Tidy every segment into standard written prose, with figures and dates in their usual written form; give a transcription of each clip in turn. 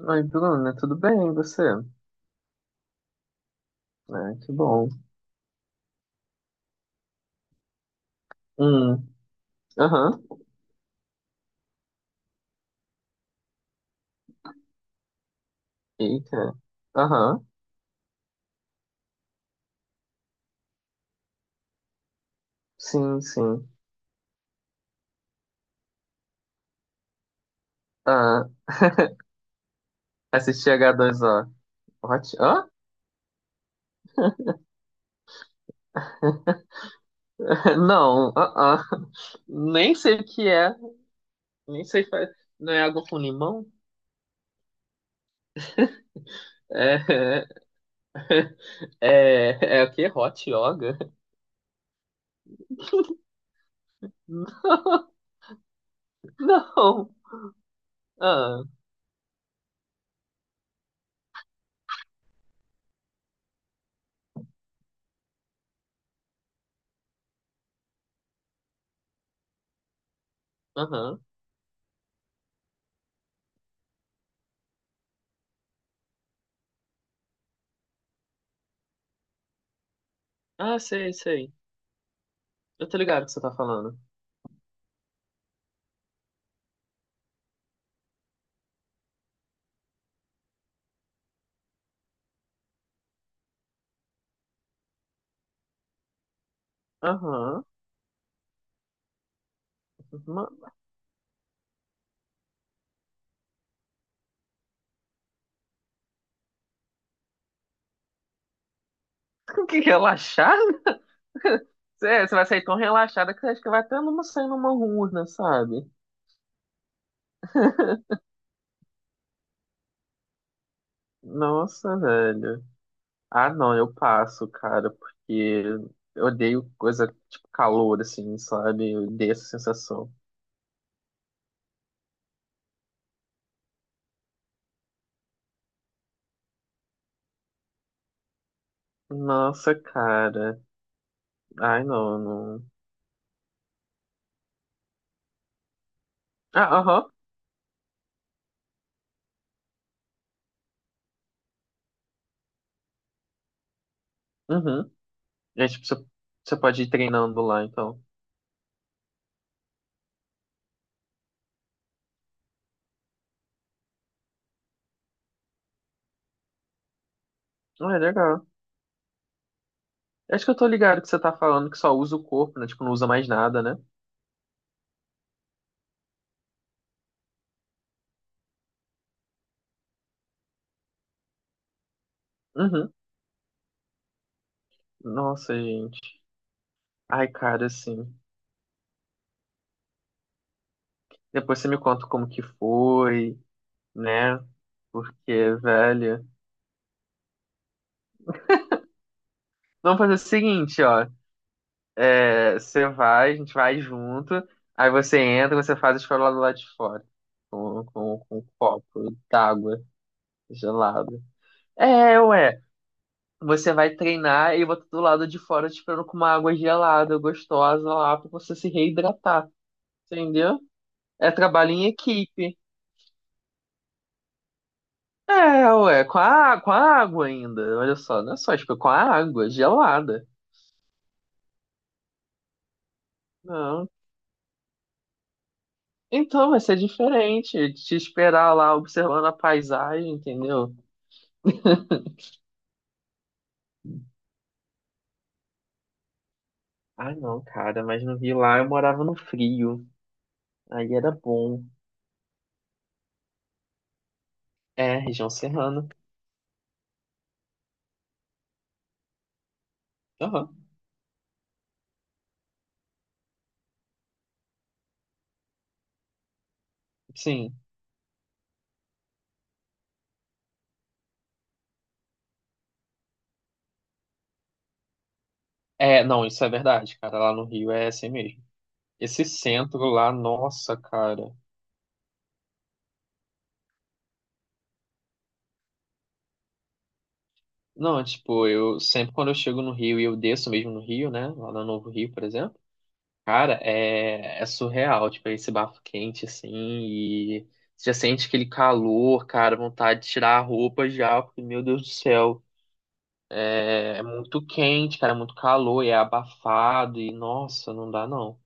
Oi, Bruna, tudo bem? E você? Ah, que bom. Hum, aham, eita, aham, sim, sim. Ah, assisti h dois o. What? Hã? Não, ah, ah. Nem sei o que é, nem sei, fa- não é água com limão? É, é, é o quê? Hot yoga? Não, não. Ah, aham. Ah, sei, sei. Eu tô ligado o que você tá falando. Aham. Que relaxada? Você vai sair tão relaxada que você acha que vai até numa sair numa urna, sabe? Nossa, velho. Ah, não, eu passo, cara, porque eu odeio coisa tipo calor, assim, sabe? Eu odeio essa sensação. Nossa, cara. Ai, não, não. Ah, aham. Uhum. É, tipo, você, você pode ir treinando lá, então. Ah, é legal. Acho que eu tô ligado que você tá falando que só usa o corpo, né? Tipo, não usa mais nada, né? Uhum. Nossa, gente. Ai, cara, assim. Depois você me conta como que foi, né? Porque, velho. Vamos fazer o seguinte, ó. É, você vai, a gente vai junto. Aí você entra, você faz a escola do lado de fora. Com um copo d'água gelada. É, ué. Você vai treinar e eu vou do lado de fora te esperando com uma água gelada, gostosa lá, pra você se reidratar. Entendeu? É trabalho em equipe. É, ué, com a água ainda. Olha só, não é só, tipo, com a água gelada. Não. Então vai ser diferente. Te esperar lá observando a paisagem, entendeu? Ah, não, cara, mas no Rio lá eu morava no frio. Aí era bom. É, região serrana. Aham, sim. É, não, isso é verdade, cara. Lá no Rio é assim mesmo. Esse centro lá, nossa, cara. Não, tipo, eu sempre quando eu chego no Rio e eu desço mesmo no Rio, né? Lá no Novo Rio, por exemplo. Cara, é, é surreal, tipo, esse bafo quente, assim, e você já sente aquele calor, cara, vontade de tirar a roupa já, porque, meu Deus do céu, é, é muito quente, cara, é muito calor, e é abafado, e, nossa, não dá não.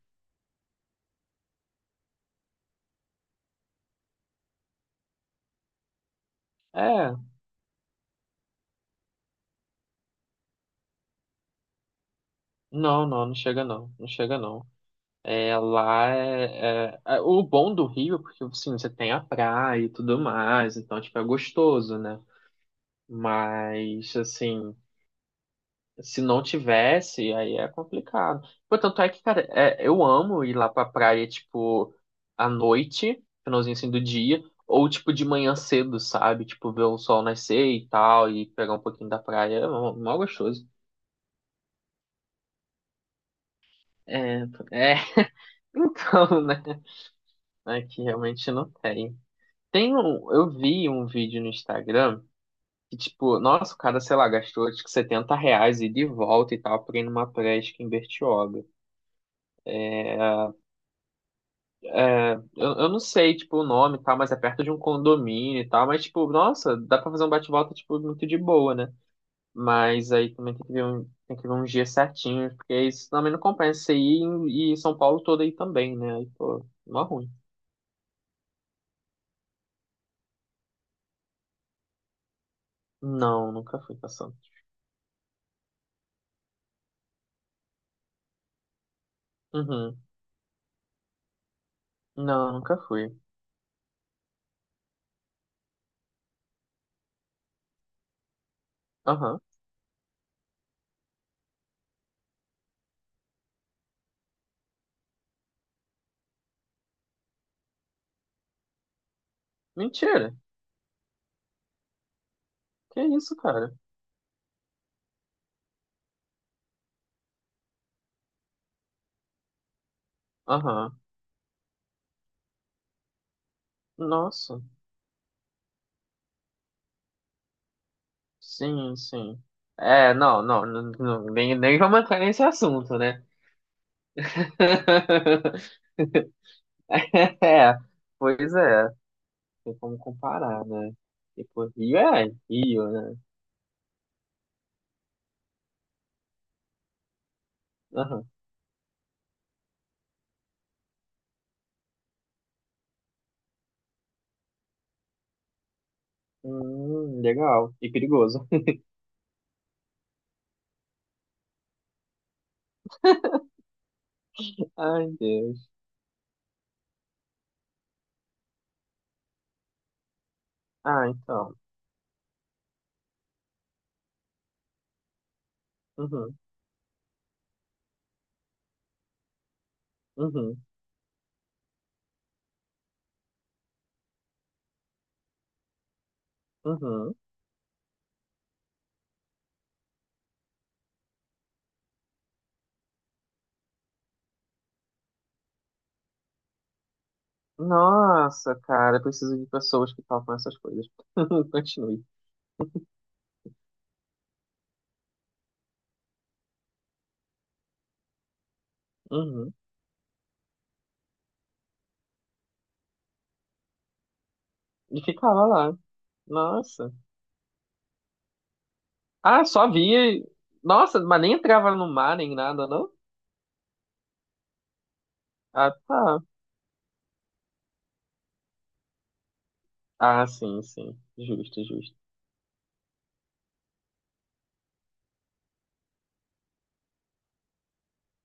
É, não, não, não chega não, não chega não. É, lá é, é- é- o bom do Rio é porque, assim, você tem a praia e tudo mais, então, tipo, é gostoso, né? Mas, assim... se não tivesse, aí é complicado. Pô, tanto é que, cara, é, eu amo ir lá pra praia, tipo, à noite, finalzinho assim do dia, ou tipo de manhã cedo, sabe? Tipo, ver o sol nascer e tal, e pegar um pouquinho da praia. É mó mó gostoso. É, é, então, né? É que realmente não tem. Tem um, eu vi um vídeo no Instagram que, tipo, nossa, o cara, sei lá, gastou, acho que R$ 70 e de volta e tal, pra ir numa praia, acho que em Bertioga. Eu não sei, tipo, o nome e tal, mas é perto de um condomínio e tal. Mas, tipo, nossa, dá pra fazer um bate-volta, tipo, muito de boa, né? Mas aí também tem que ver um, tem que ver um dia certinho, porque isso também não compensa você ir e São Paulo todo aí também, né? Aí, pô, mó ruim. Não, nunca fui pra Santos. Uhum. Não, nunca fui. Aham. Mentira. Que isso, cara? Aham. Nossa. Sim, sim. É, não, não, não, não, nem, nem vamos entrar nesse assunto, né? É, pois é, tem como comparar, né? Tipo, Rio é Rio, né? Aham. Legal. E perigoso. Ai, Deus. Ah, então. Uhum, uhum, uhum. Nossa, cara, eu preciso de pessoas que topam essas coisas. Continue. Uhum. E ficava lá. Nossa. Ah, só via. Nossa, mas nem entrava no mar nem nada, não? Ah, tá. Ah, sim, sim. Justo, justo.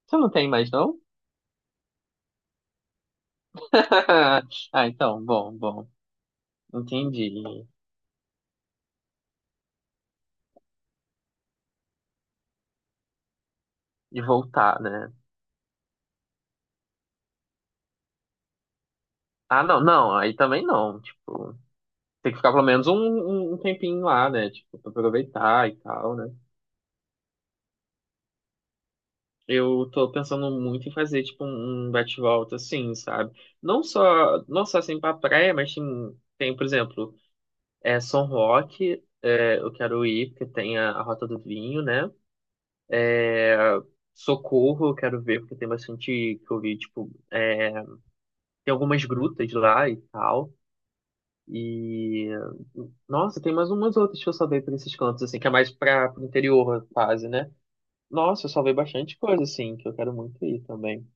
Você não tem mais, não? Ah, então, bom, bom. Entendi. E voltar, né? Ah, não, não, aí também não. Tipo, tem que ficar pelo menos um, um tempinho lá, né? Tipo, pra aproveitar e tal, né? Eu tô pensando muito em fazer, tipo, um bate-volta assim, sabe? Não só, não só assim pra praia, mas tem, tem, por exemplo, é, São Roque, é, eu quero ir, porque tem a Rota do Vinho, né? É, Socorro, eu quero ver, porque tem bastante que eu vi, tipo. É, tem algumas grutas lá e tal. E nossa, tem mais umas outras que eu salvei pra esses cantos, assim, que é mais para pro interior, quase, né? Nossa, eu salvei bastante coisa, assim, que eu quero muito ir também.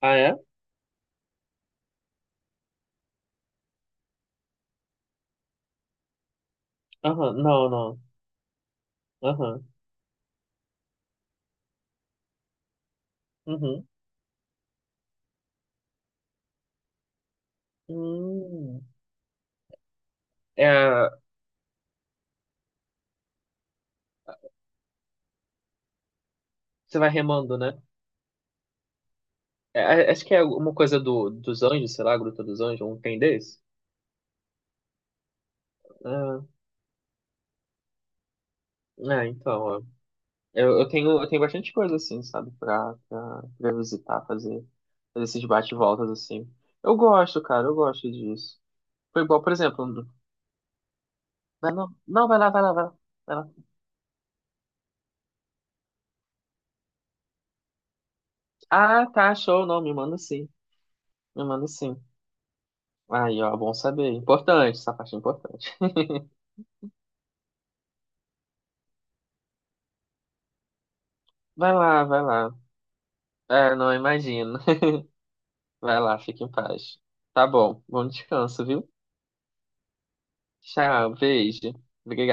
Ah, é? Aham, não, não. Aham, uhum. Hum. É, você vai remando, né? É, é, acho que é alguma coisa do, dos anjos, sei lá, Gruta dos Anjos, um tem desse? É, é, então, eu tenho, eu tenho bastante coisa assim, sabe, pra visitar, fazer, fazer esses bate-voltas assim. Eu gosto, cara, eu gosto disso. Foi igual, por exemplo, um- vai não, não, vai lá. Ah, tá, show, não, me manda sim, me manda sim. Aí, ó, bom saber, importante, essa parte é importante. Vai lá, vai lá. É, não imagino. Vai lá, fique em paz. Tá bom, bom descanso, viu? Tchau, beijo. Obrigado.